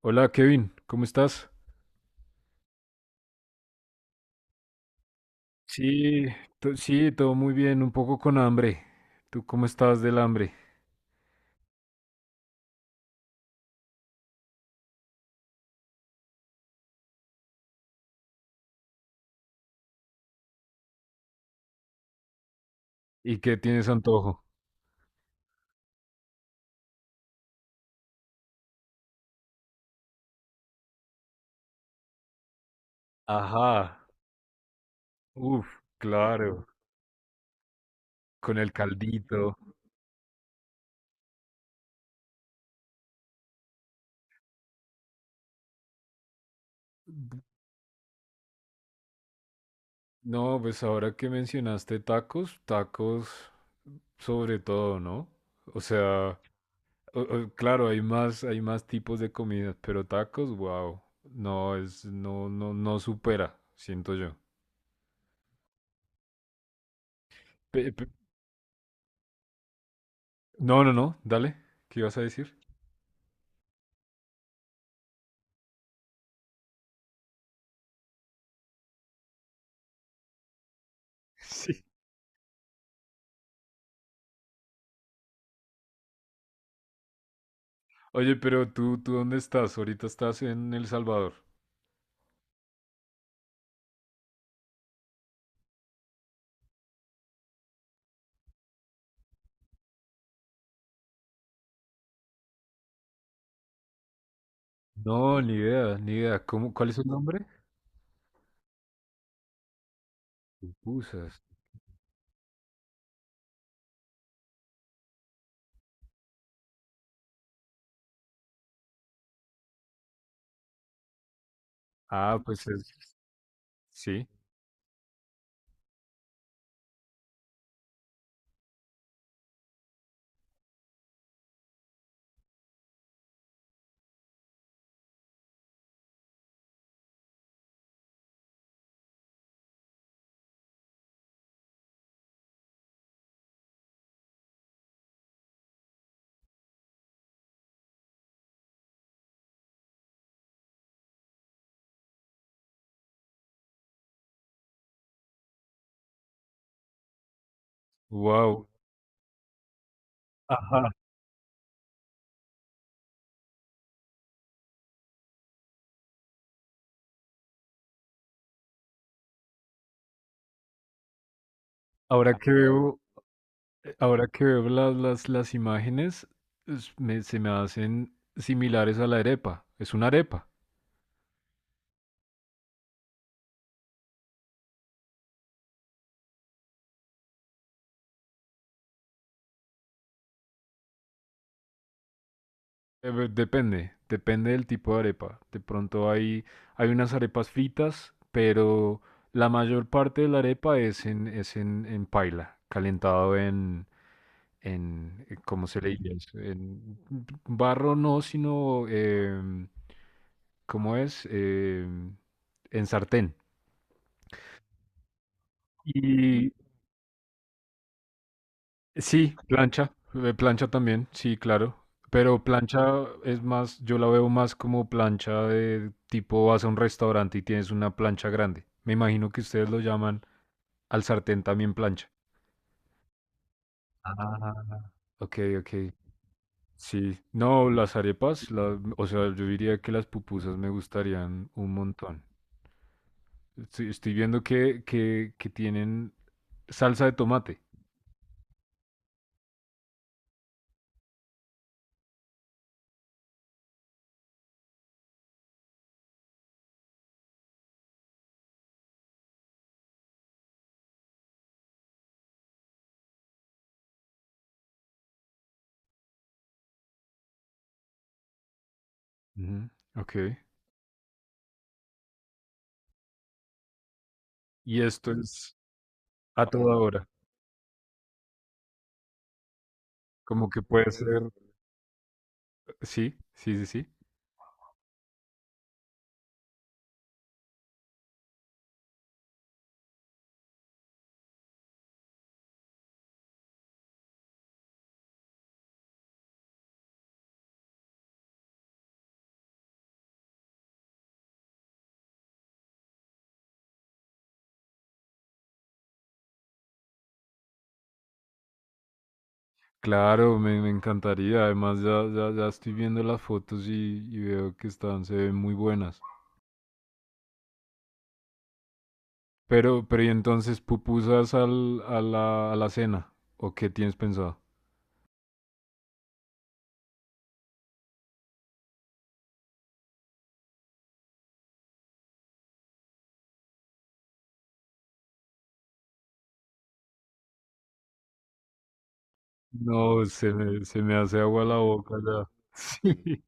Hola Kevin, ¿cómo estás? Sí, sí, todo muy bien, un poco con hambre. ¿Tú cómo estás del hambre? ¿Y qué tienes antojo? Ajá, uf, claro, con el caldito. No, pues ahora que mencionaste tacos, tacos sobre todo, ¿no? O sea, claro, hay más tipos de comidas, pero tacos, wow, no, no supera, siento yo. Pe- pe- no, no, dale, ¿qué ibas a decir? Sí. Oye, pero tú, ¿tú dónde estás? Ahorita estás en El Salvador. No, ni idea, ni idea. ¿Cómo, cuál es su nombre? Pupusas. Ah, pues es, sí. Wow. Ajá. Ahora que veo, ahora que veo las imágenes, se me hacen similares a la arepa. Es una arepa. Depende, depende del tipo de arepa. De pronto hay, hay unas arepas fritas, pero la mayor parte de la arepa en paila, calentado en, ¿cómo se le diría eso? En barro no, sino, ¿cómo es? En sartén. Y sí, plancha, plancha también, sí, claro. Pero plancha es más, yo la veo más como plancha de tipo vas a un restaurante y tienes una plancha grande. Me imagino que ustedes lo llaman al sartén también plancha. Ah. Ok, ok. Sí. No, o sea, yo diría que las pupusas me gustarían un montón. Estoy viendo que tienen salsa de tomate. Ujú, ok. Y esto es a toda hora. Como que puede ser. Sí, sí, sí, sí. Claro, me encantaría. Además, ya, ya, ya estoy viendo las fotos y veo que están, se ven muy buenas. Pero, ¿y entonces pupusas a la cena? ¿O qué tienes pensado? No, se me hace agua la boca ya. Sí.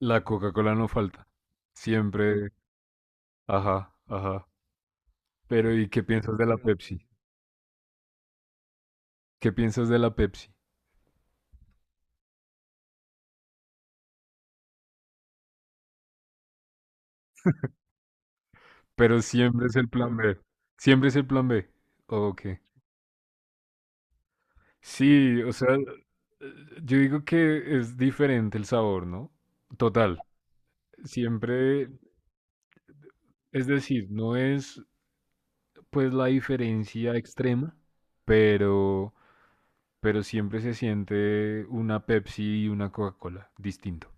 La Coca-Cola no falta. Siempre. Ajá, ajá. Pero ¿y qué piensas de la Pepsi? ¿Qué piensas de la Pepsi? Pero siempre es el plan B. Siempre es el plan B. Ok. Sí, o sea, yo digo que es diferente el sabor, ¿no? Total. Siempre, es decir, no es pues la diferencia extrema, pero, pero siempre se siente una Pepsi y una Coca-Cola distinto.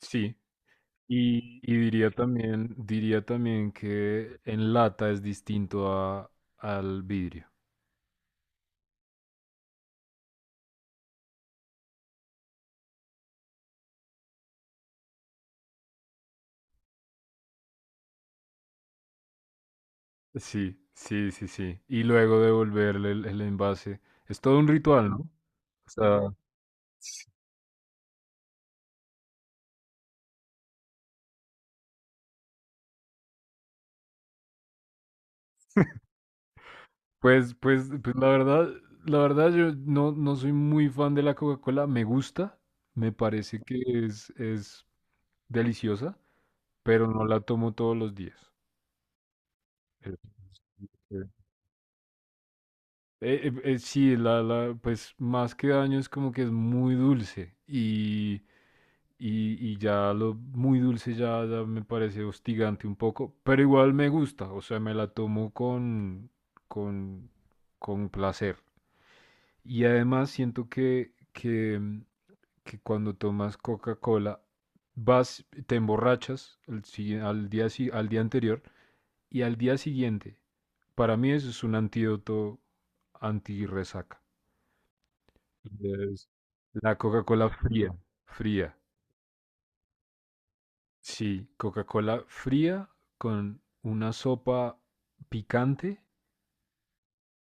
Sí, y diría también que en lata es distinto a, al vidrio. Sí, sí, sí, sí. Y luego devolverle el envase. Es todo un ritual, ¿no? O sea, pues, pues, pues la verdad yo no, no soy muy fan de la Coca-Cola. Me gusta, me parece que es deliciosa, pero no la tomo todos los días. Eh, sí, pues más que daño es como que es muy dulce y ya lo muy dulce ya, ya me parece hostigante un poco, pero igual me gusta, o sea, me la tomo con, con placer. Y además siento que, mm, que cuando tomas Coca-Cola vas, te emborrachas al, si al día, al día anterior y al día siguiente, para mí eso es un antídoto anti-resaca. Es la Coca-Cola fría, fría. Sí, Coca-Cola fría con una sopa picante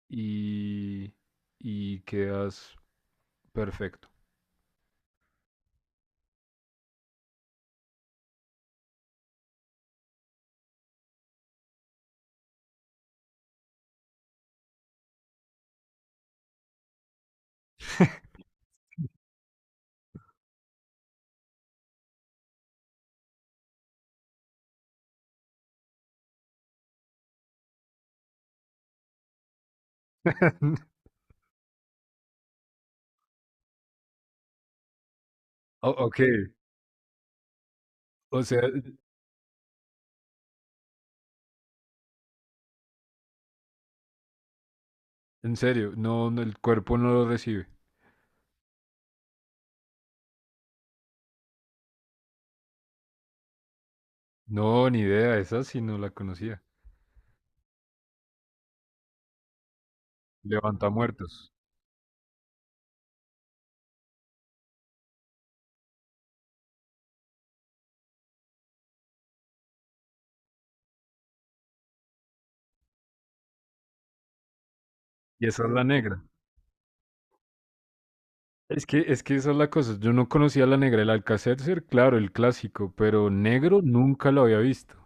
y, y quedas perfecto. Ok, o sea, en serio, no, no, el cuerpo no lo recibe. No, ni idea, esa sí no la conocía. Levanta muertos. Y esa es la negra. Es que esa es la cosa. Yo no conocía la negra, el Alcácer, claro, el clásico, pero negro nunca lo había visto.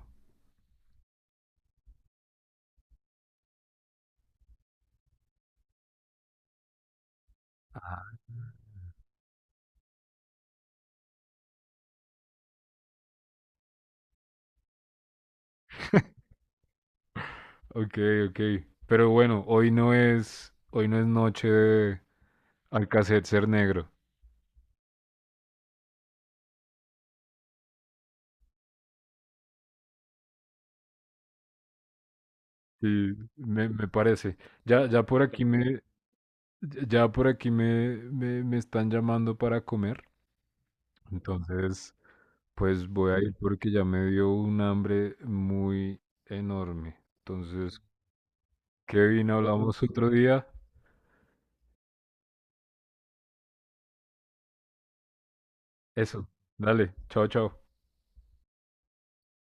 Ok, ok. Pero bueno, hoy no es noche de Alcacetcer negro. Sí, me parece. Ya, ya por aquí me, ya por aquí me están llamando para comer. Entonces, pues voy a ir porque ya me dio un hambre muy enorme. Entonces, Kevin, hablamos otro día. Eso, dale, chao, chao.